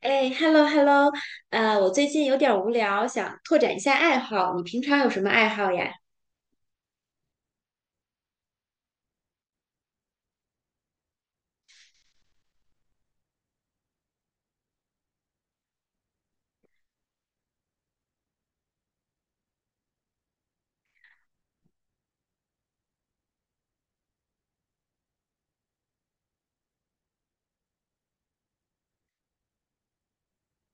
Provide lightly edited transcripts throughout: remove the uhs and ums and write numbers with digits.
哎，hello hello，我最近有点儿无聊，想拓展一下爱好。你平常有什么爱好呀？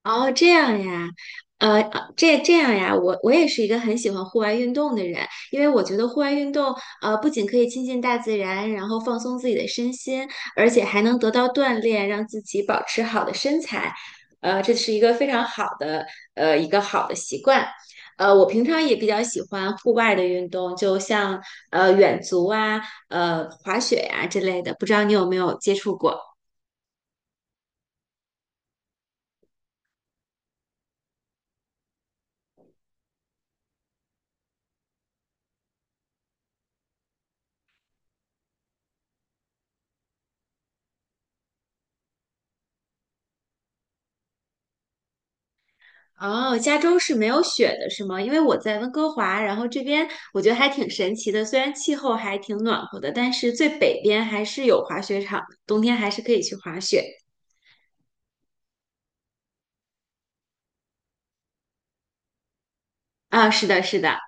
哦，这样呀，这样呀，我也是一个很喜欢户外运动的人，因为我觉得户外运动，不仅可以亲近大自然，然后放松自己的身心，而且还能得到锻炼，让自己保持好的身材，这是一个非常好的，一个好的习惯。我平常也比较喜欢户外的运动，就像远足啊、滑雪呀之类的，不知道你有没有接触过？哦，加州是没有雪的，是吗？因为我在温哥华，然后这边我觉得还挺神奇的，虽然气候还挺暖和的，但是最北边还是有滑雪场的，冬天还是可以去滑雪。啊，是的，是的，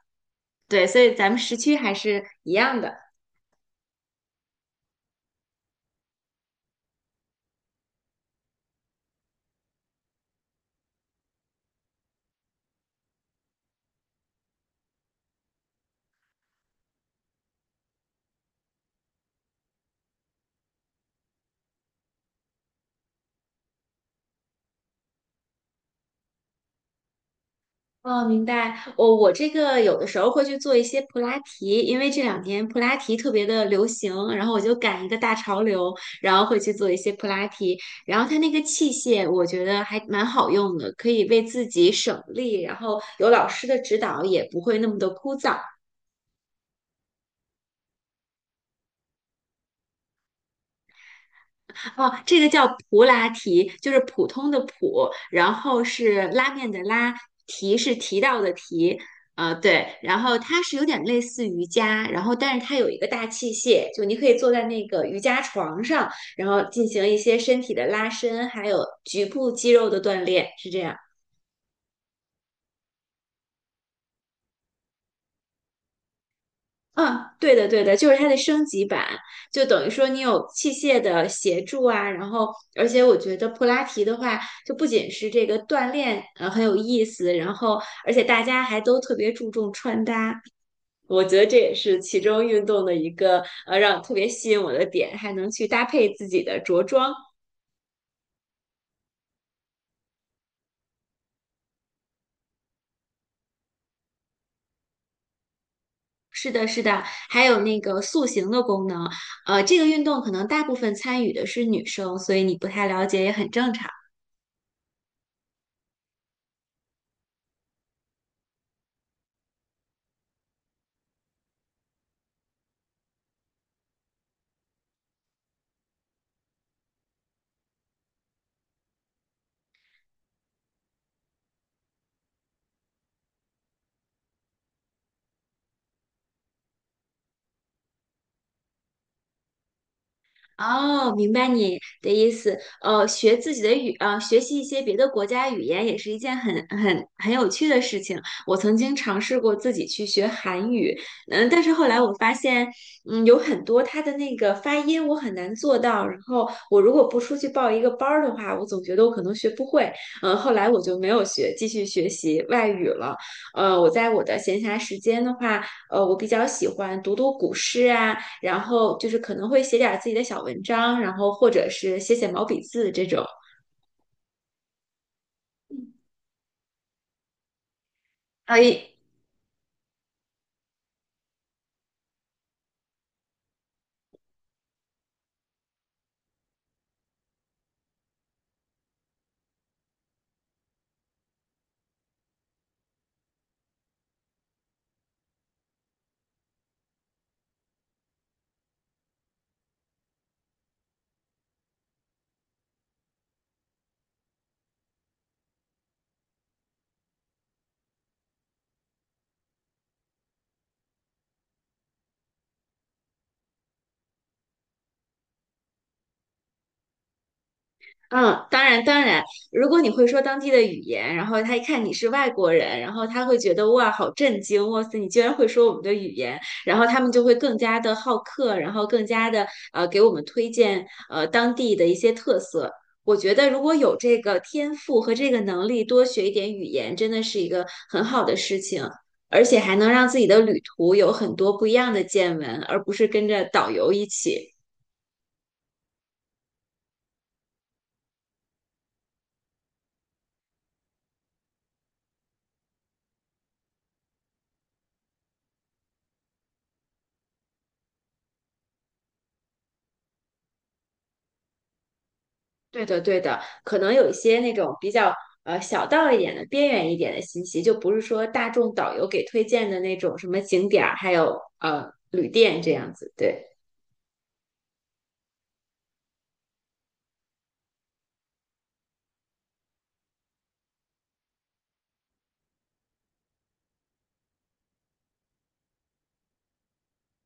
对，所以咱们时区还是一样的。哦，明白。我这个有的时候会去做一些普拉提，因为这两年普拉提特别的流行，然后我就赶一个大潮流，然后会去做一些普拉提。然后它那个器械，我觉得还蛮好用的，可以为自己省力，然后有老师的指导也不会那么的枯燥。哦，这个叫普拉提，就是普通的普，然后是拉面的拉，提是提到的提，啊对，然后它是有点类似瑜伽，然后但是它有一个大器械，就你可以坐在那个瑜伽床上，然后进行一些身体的拉伸，还有局部肌肉的锻炼，是这样。嗯，对的，对的，就是它的升级版，就等于说你有器械的协助啊，然后而且我觉得普拉提的话，就不仅是这个锻炼，很有意思，然后而且大家还都特别注重穿搭，我觉得这也是其中运动的一个让特别吸引我的点，还能去搭配自己的着装。是的，是的，还有那个塑形的功能，这个运动可能大部分参与的是女生，所以你不太了解也很正常。哦，明白你的意思。学自己的语，学习一些别的国家语言也是一件很有趣的事情。我曾经尝试过自己去学韩语，嗯，但是后来我发现，嗯，有很多它的那个发音我很难做到。然后我如果不出去报一个班儿的话，我总觉得我可能学不会。嗯，后来我就没有学，继续学习外语了。我在我的闲暇时间的话，我比较喜欢读读古诗啊。然后就是可能会写点自己的小文章，然后或者是写写毛笔字这种。哎，嗯，当然当然，如果你会说当地的语言，然后他一看你是外国人，然后他会觉得哇，好震惊，哇塞，你居然会说我们的语言，然后他们就会更加的好客，然后更加的给我们推荐当地的一些特色。我觉得如果有这个天赋和这个能力，多学一点语言，真的是一个很好的事情，而且还能让自己的旅途有很多不一样的见闻，而不是跟着导游一起。对的，对的，可能有一些那种比较小道一点的、边缘一点的信息，就不是说大众导游给推荐的那种什么景点儿，还有旅店这样子。对，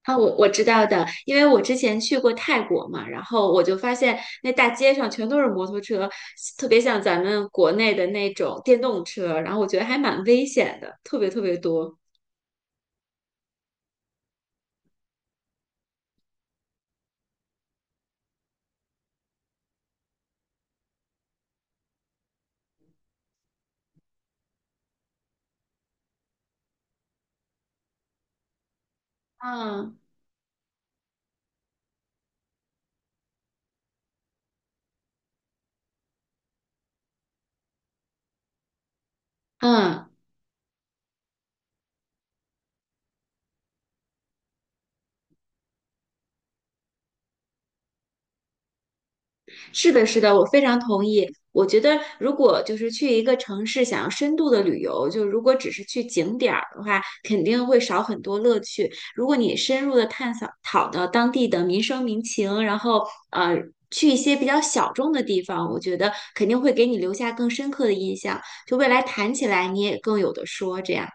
啊，我知道的，因为我之前去过泰国嘛，然后我就发现那大街上全都是摩托车，特别像咱们国内的那种电动车，然后我觉得还蛮危险的，特别特别多。嗯嗯。是的，是的，我非常同意。我觉得，如果就是去一个城市想要深度的旅游，就如果只是去景点儿的话，肯定会少很多乐趣。如果你深入的探索讨到当地的民生民情，然后呃去一些比较小众的地方，我觉得肯定会给你留下更深刻的印象。就未来谈起来，你也更有的说这样。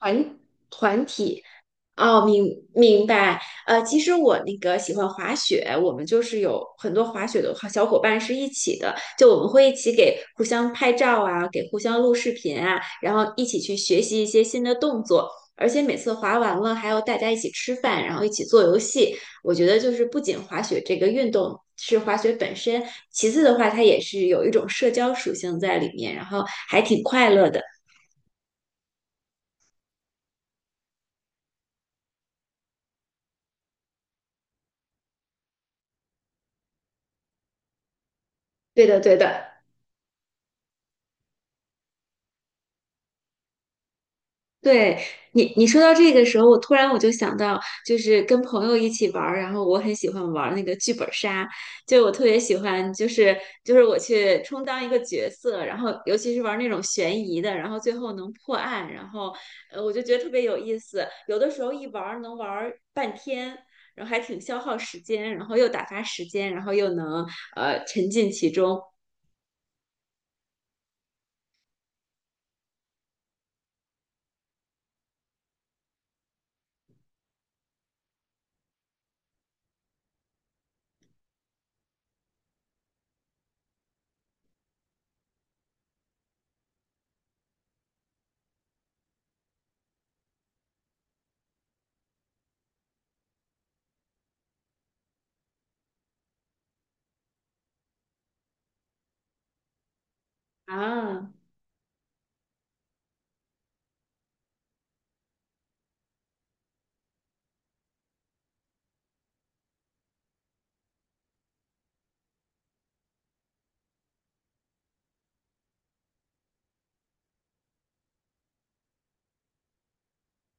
团团体，哦，明白。其实我那个喜欢滑雪，我们就是有很多滑雪的好小伙伴是一起的，就我们会一起给互相拍照啊，给互相录视频啊，然后一起去学习一些新的动作。而且每次滑完了，还要大家一起吃饭，然后一起做游戏。我觉得就是不仅滑雪这个运动是滑雪本身，其次的话，它也是有一种社交属性在里面，然后还挺快乐的。对的，对的。对你说到这个时候，我突然就想到，就是跟朋友一起玩儿，然后我很喜欢玩儿那个剧本杀，就我特别喜欢，就是我去充当一个角色，然后尤其是玩儿那种悬疑的，然后最后能破案，然后我就觉得特别有意思。有的时候一玩儿能玩儿半天，然后还挺消耗时间，然后又打发时间，然后又能沉浸其中啊。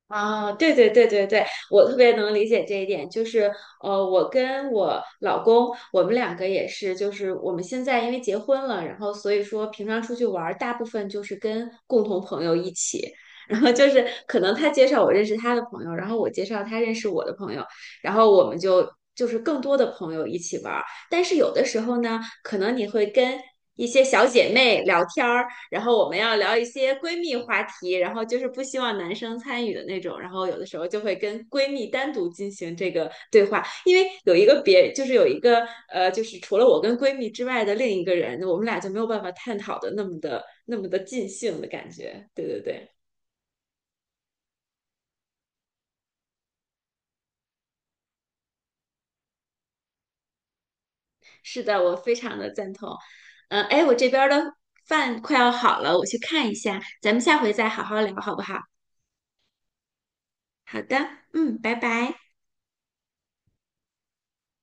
啊，对对对对对，我特别能理解这一点。就是，我跟我老公，我们两个也是，就是我们现在因为结婚了，然后所以说平常出去玩儿，大部分就是跟共同朋友一起。然后就是可能他介绍我认识他的朋友，然后我介绍他认识我的朋友，然后我们就就是更多的朋友一起玩儿。但是有的时候呢，可能你会跟一些小姐妹聊天儿，然后我们要聊一些闺蜜话题，然后就是不希望男生参与的那种，然后有的时候就会跟闺蜜单独进行这个对话，因为有一个别，就是有一个就是除了我跟闺蜜之外的另一个人，我们俩就没有办法探讨的那么的那么的尽兴的感觉。对对对，是的，我非常的赞同。嗯、哎，我这边儿的饭快要好了，我去看一下，咱们下回再好好聊，好不好？好的，嗯，拜拜。